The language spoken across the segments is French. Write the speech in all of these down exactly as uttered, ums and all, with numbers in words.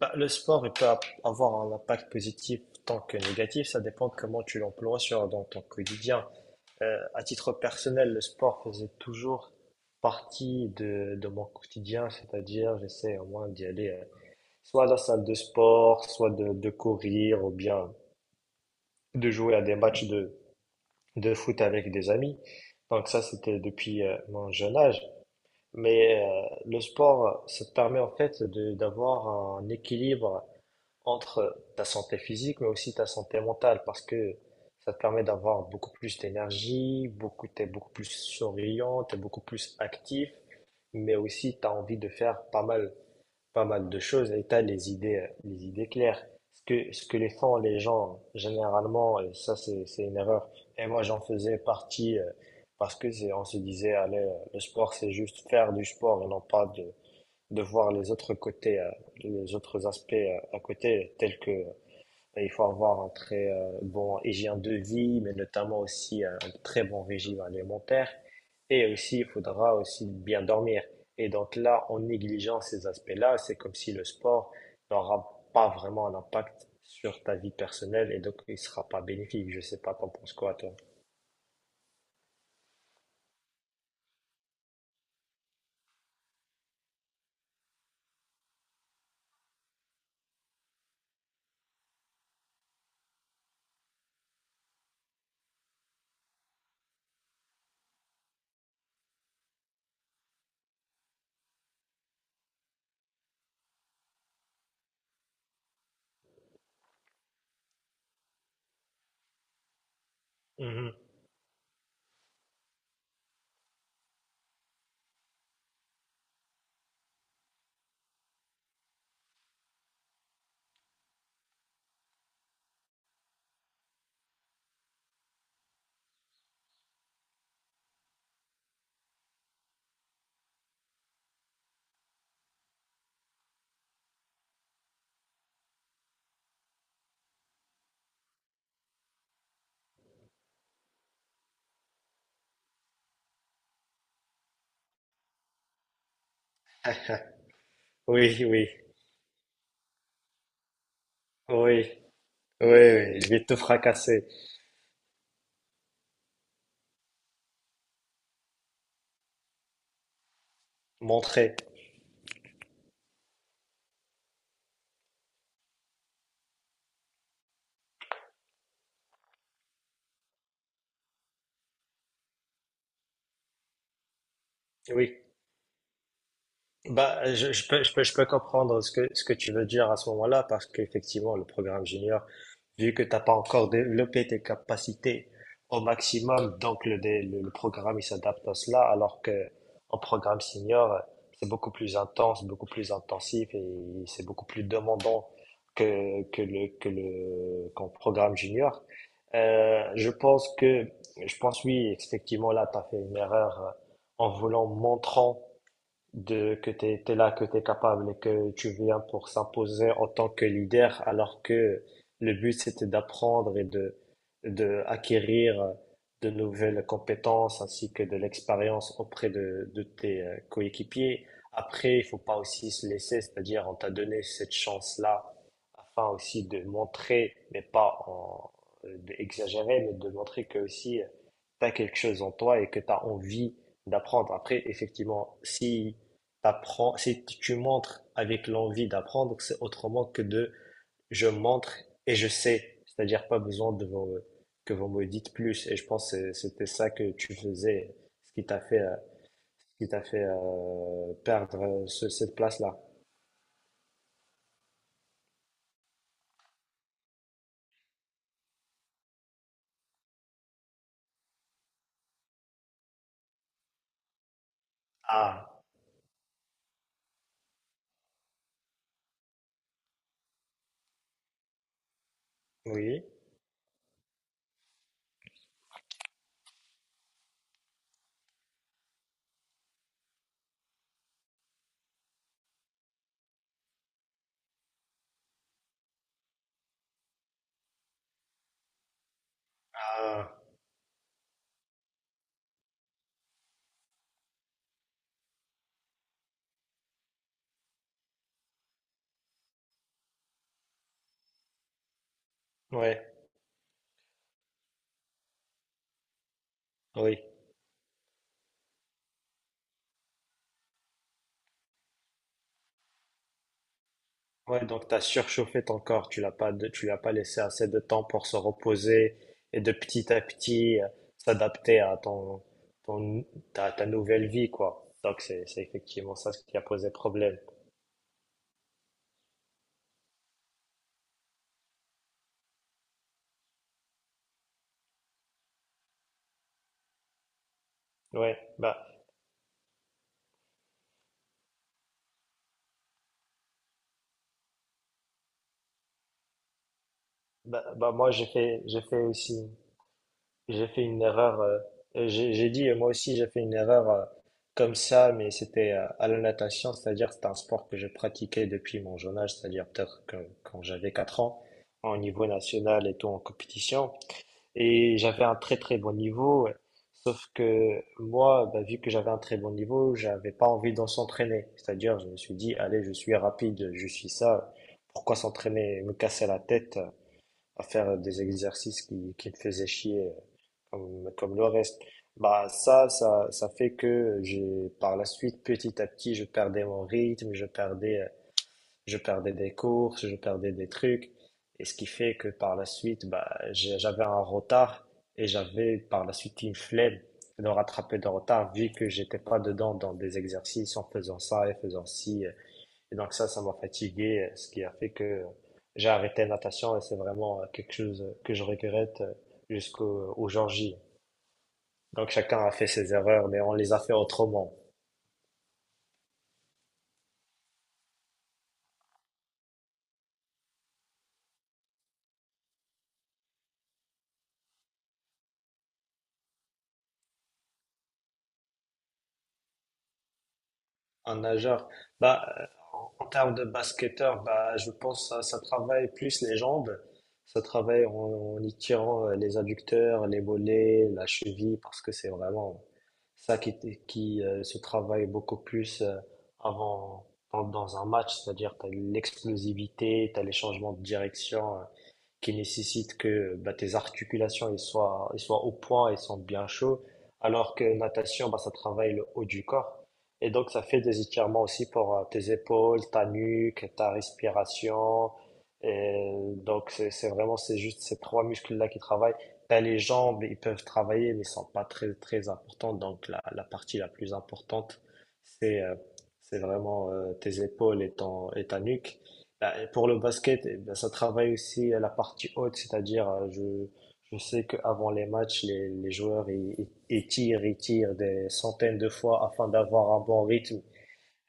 Bah, le sport, il peut ap- avoir un impact positif tant que négatif. Ça dépend de comment tu l'emploies sur, dans ton quotidien. Euh, à titre personnel, le sport faisait toujours partie de, de mon quotidien, c'est-à-dire j'essaie au moins d'y aller euh, soit à la salle de sport, soit de, de courir, ou bien de jouer à des matchs de, de foot avec des amis. Donc ça, c'était depuis euh, mon jeune âge. Mais euh, le sport, ça te permet en fait de d'avoir un équilibre entre ta santé physique, mais aussi ta santé mentale, parce que ça te permet d'avoir beaucoup plus d'énergie, beaucoup, t'es beaucoup plus souriant, t'es beaucoup plus actif, mais aussi t'as envie de faire pas mal pas mal de choses et t'as les idées, euh, les idées claires. Ce que, ce que les font les gens généralement, et ça c'est, c'est une erreur. Et moi j'en faisais partie euh, parce que c'est, on se disait, allez, euh, le sport c'est juste faire du sport et non pas de, de voir les autres côtés, euh, les autres aspects euh, à côté, tels que et il faut avoir un très euh, bon hygiène de vie, mais notamment aussi euh, un très bon régime alimentaire. Et aussi, il faudra aussi bien dormir. Et donc là, en négligeant ces aspects-là, c'est comme si le sport n'aura pas vraiment un impact sur ta vie personnelle et donc il sera pas bénéfique. Je sais pas, t'en penses quoi, toi? Mhm. Oui, oui, oui, oui, oui, je vais te fracasser, montrer. Oui. Bah, je, je peux, je peux, je peux comprendre ce que, ce que tu veux dire à ce moment-là, parce qu'effectivement, le programme junior, vu que tu n'as pas encore développé tes capacités au maximum, donc le, dé- le, le programme, il s'adapte à cela, alors que en programme senior, c'est beaucoup plus intense, beaucoup plus intensif et c'est beaucoup plus demandant que, que le, que le, qu'en programme junior. Euh, je pense que, je pense oui, effectivement, là, tu as fait une erreur euh, en voulant montrant de que tu es, là, que tu es capable et que tu viens pour s'imposer en tant que leader, alors que le but c'était d'apprendre et de, de acquérir de nouvelles compétences ainsi que de l'expérience auprès de, de tes euh, coéquipiers. Après, il faut pas aussi se laisser, c'est-à-dire on t'a donné cette chance-là afin aussi de montrer, mais pas en, euh, d'exagérer, mais de montrer que aussi tu as quelque chose en toi et que tu as envie d'apprendre. Après, effectivement, si t'apprends, si t- tu montres avec l'envie d'apprendre, c'est autrement que de je montre et je sais. C'est-à-dire pas besoin de vous- euh, que vous me dites plus. Et je pense que c'est- c'était ça que tu faisais, ce qui t'a fait, euh, ce qui t'a fait euh, perdre euh, ce- cette place-là. Ah, oui. Ah, ouais, oui. Ouais, donc tu as surchauffé ton corps, tu l'as pas de- tu lui as pas laissé assez de temps pour se reposer et de petit à petit euh, s'adapter à ton, ton ta, ta nouvelle vie quoi. Donc c'est c'est effectivement ça ce qui a posé problème. Ouais, bah bah, bah moi j'ai fait j'ai fait aussi. J'ai fait une erreur. euh, euh, j'ai j'ai dit, euh, moi aussi, j'ai fait une erreur euh, comme ça, mais c'était euh, à la natation, c'est-à-dire c'est un sport que je pratiquais depuis mon jeune âge, c'est-à-dire peut-être que- quand j'avais quatre ans, en niveau national et tout en compétition. Et j'avais un très très bon niveau, ouais. Sauf que moi, bah, vu que j'avais un très bon niveau, j'avais pas envie d'en s'entraîner. C'est-à-dire, je me suis dit, allez, je suis rapide, je suis ça, pourquoi s'entraîner, me casser la tête à faire des exercices qui, qui me faisaient chier euh, comme, comme le reste. Bah ça, ça, ça fait que j'ai, par la suite, petit à petit, je perdais mon rythme, je perdais, euh, je perdais des courses, je perdais des trucs, et ce qui fait que par la suite, bah, j'ai- j'avais un retard et j'avais par la suite une flemme de rattraper le retard vu que j'étais pas dedans dans des exercices en faisant ça et faisant ci. Euh, et donc ça, ça m'a fatigué, euh, ce qui a fait que j'ai arrêté la natation et c'est vraiment euh, quelque chose que je regrette euh, jusqu'au au jour ji. Donc chacun a fait ses erreurs, mais on les a fait autrement. Un nageur. Bah, euh, en termes de basketteur, bah, je pense que ça, ça travaille plus les jambes. Ça travaille en, en y tirant euh, les adducteurs, les mollets, la cheville, parce que c'est vraiment ça qui, t- qui euh, se travaille beaucoup plus euh, avant, dans, dans un match. C'est-à-dire, tu as l'explosivité, tu as les changements de direction. euh, qui nécessite que bah, tes articulations ils soient, ils soient au point, ils sont bien chauds, alors que natation, bah, ça travaille le haut du corps. Et donc, ça fait des étirements aussi pour euh, tes épaules, ta nuque, ta respiration. Et donc, c'est c'est vraiment, c'est juste ces trois muscles-là qui travaillent. T'as les jambes, ils peuvent travailler, mais ils sont pas très, très importants. Donc, la, la partie la plus importante, c'est euh, c'est vraiment euh, tes épaules et, ton, et ta nuque. Bah, et pour le basket, eh bien, ça travaille aussi à la partie haute, c'est-à-dire euh, je, je sais qu'avant les matchs, les, les joueurs ils, ils ils tirent, ils tirent des centaines de fois afin d'avoir un bon rythme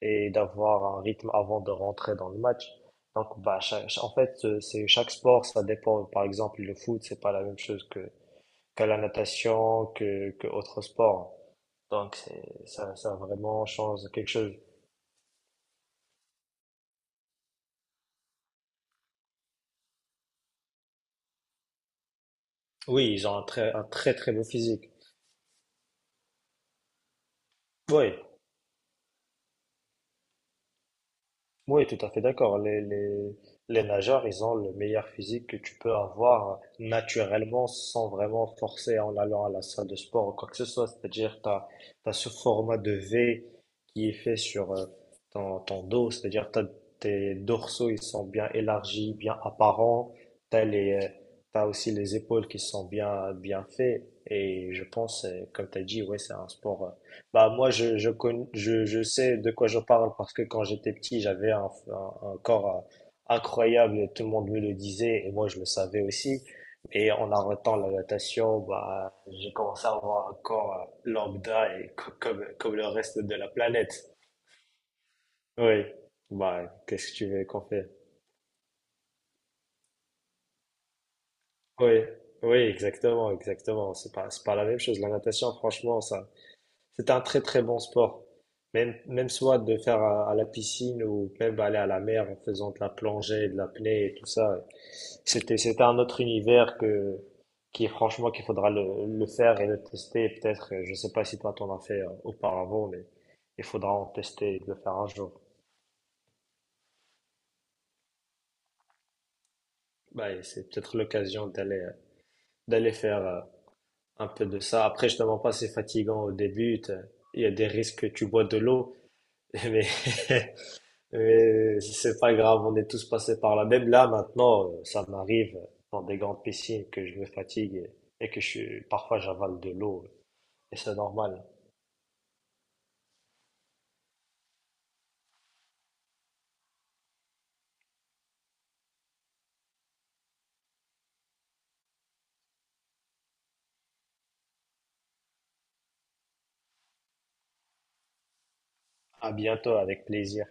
et d'avoir un rythme avant de rentrer dans le match. Donc bah, cha- cha- en fait, euh, c'est chaque sport, ça dépend. Par exemple, le foot, c'est pas la même chose que, que la natation, que, que autre sport. Donc c'est, ça, ça vraiment change quelque chose. Oui, ils ont un très, un très très beau physique. Oui, oui, tout à fait d'accord. Les, les, les nageurs, ils ont le meilleur physique que tu peux avoir naturellement sans vraiment forcer en allant à la salle de sport ou quoi que ce soit. C'est-à-dire, tu as, ce format de vé qui est fait sur euh, ton, ton dos. C'est-à-dire, t'as, tes dorsaux, ils sont bien élargis, bien apparents. T'as les, euh, t'as aussi les épaules qui sont bien, bien faites. Et je pense, euh, comme tu as dit, ouais, c'est un sport euh, bah moi je je, connais, je je sais de quoi je parle parce que quand j'étais petit j'avais un, un, un corps euh, incroyable et tout le monde me le disait et moi je le savais aussi et en arrêtant la natation bah j'ai commencé à avoir un corps euh, lambda et co- comme comme le reste de la planète. Oui, bah qu'est-ce que tu veux qu'on fait. Oui, oui, exactement, exactement, c'est pas c'est pas la même chose la natation franchement ça. C'est un très très bon sport. Même, même soit de faire à, à la piscine ou même aller à la mer en faisant de la plongée, de l'apnée et tout ça. C'était, c'était un autre univers que, qui franchement qu'il faudra le, le faire et le tester. Peut-être, je sais pas si toi t'en as fait euh, auparavant, mais il faudra en tester et de le faire un jour. Bah, et c'est peut-être l'occasion d'aller, euh, d'aller faire euh, un peu de ça. Après, je te mens pas, c'est fatigant au début. t'as- Il y a des risques que tu bois de l'eau, mais Mais si c'est pas grave, on est tous passés par là. Même là, maintenant, euh, ça m'arrive dans des grandes piscines que je me fatigue et, et que je suis, parfois j'avale de l'eau. Et c'est normal. À bientôt, avec plaisir.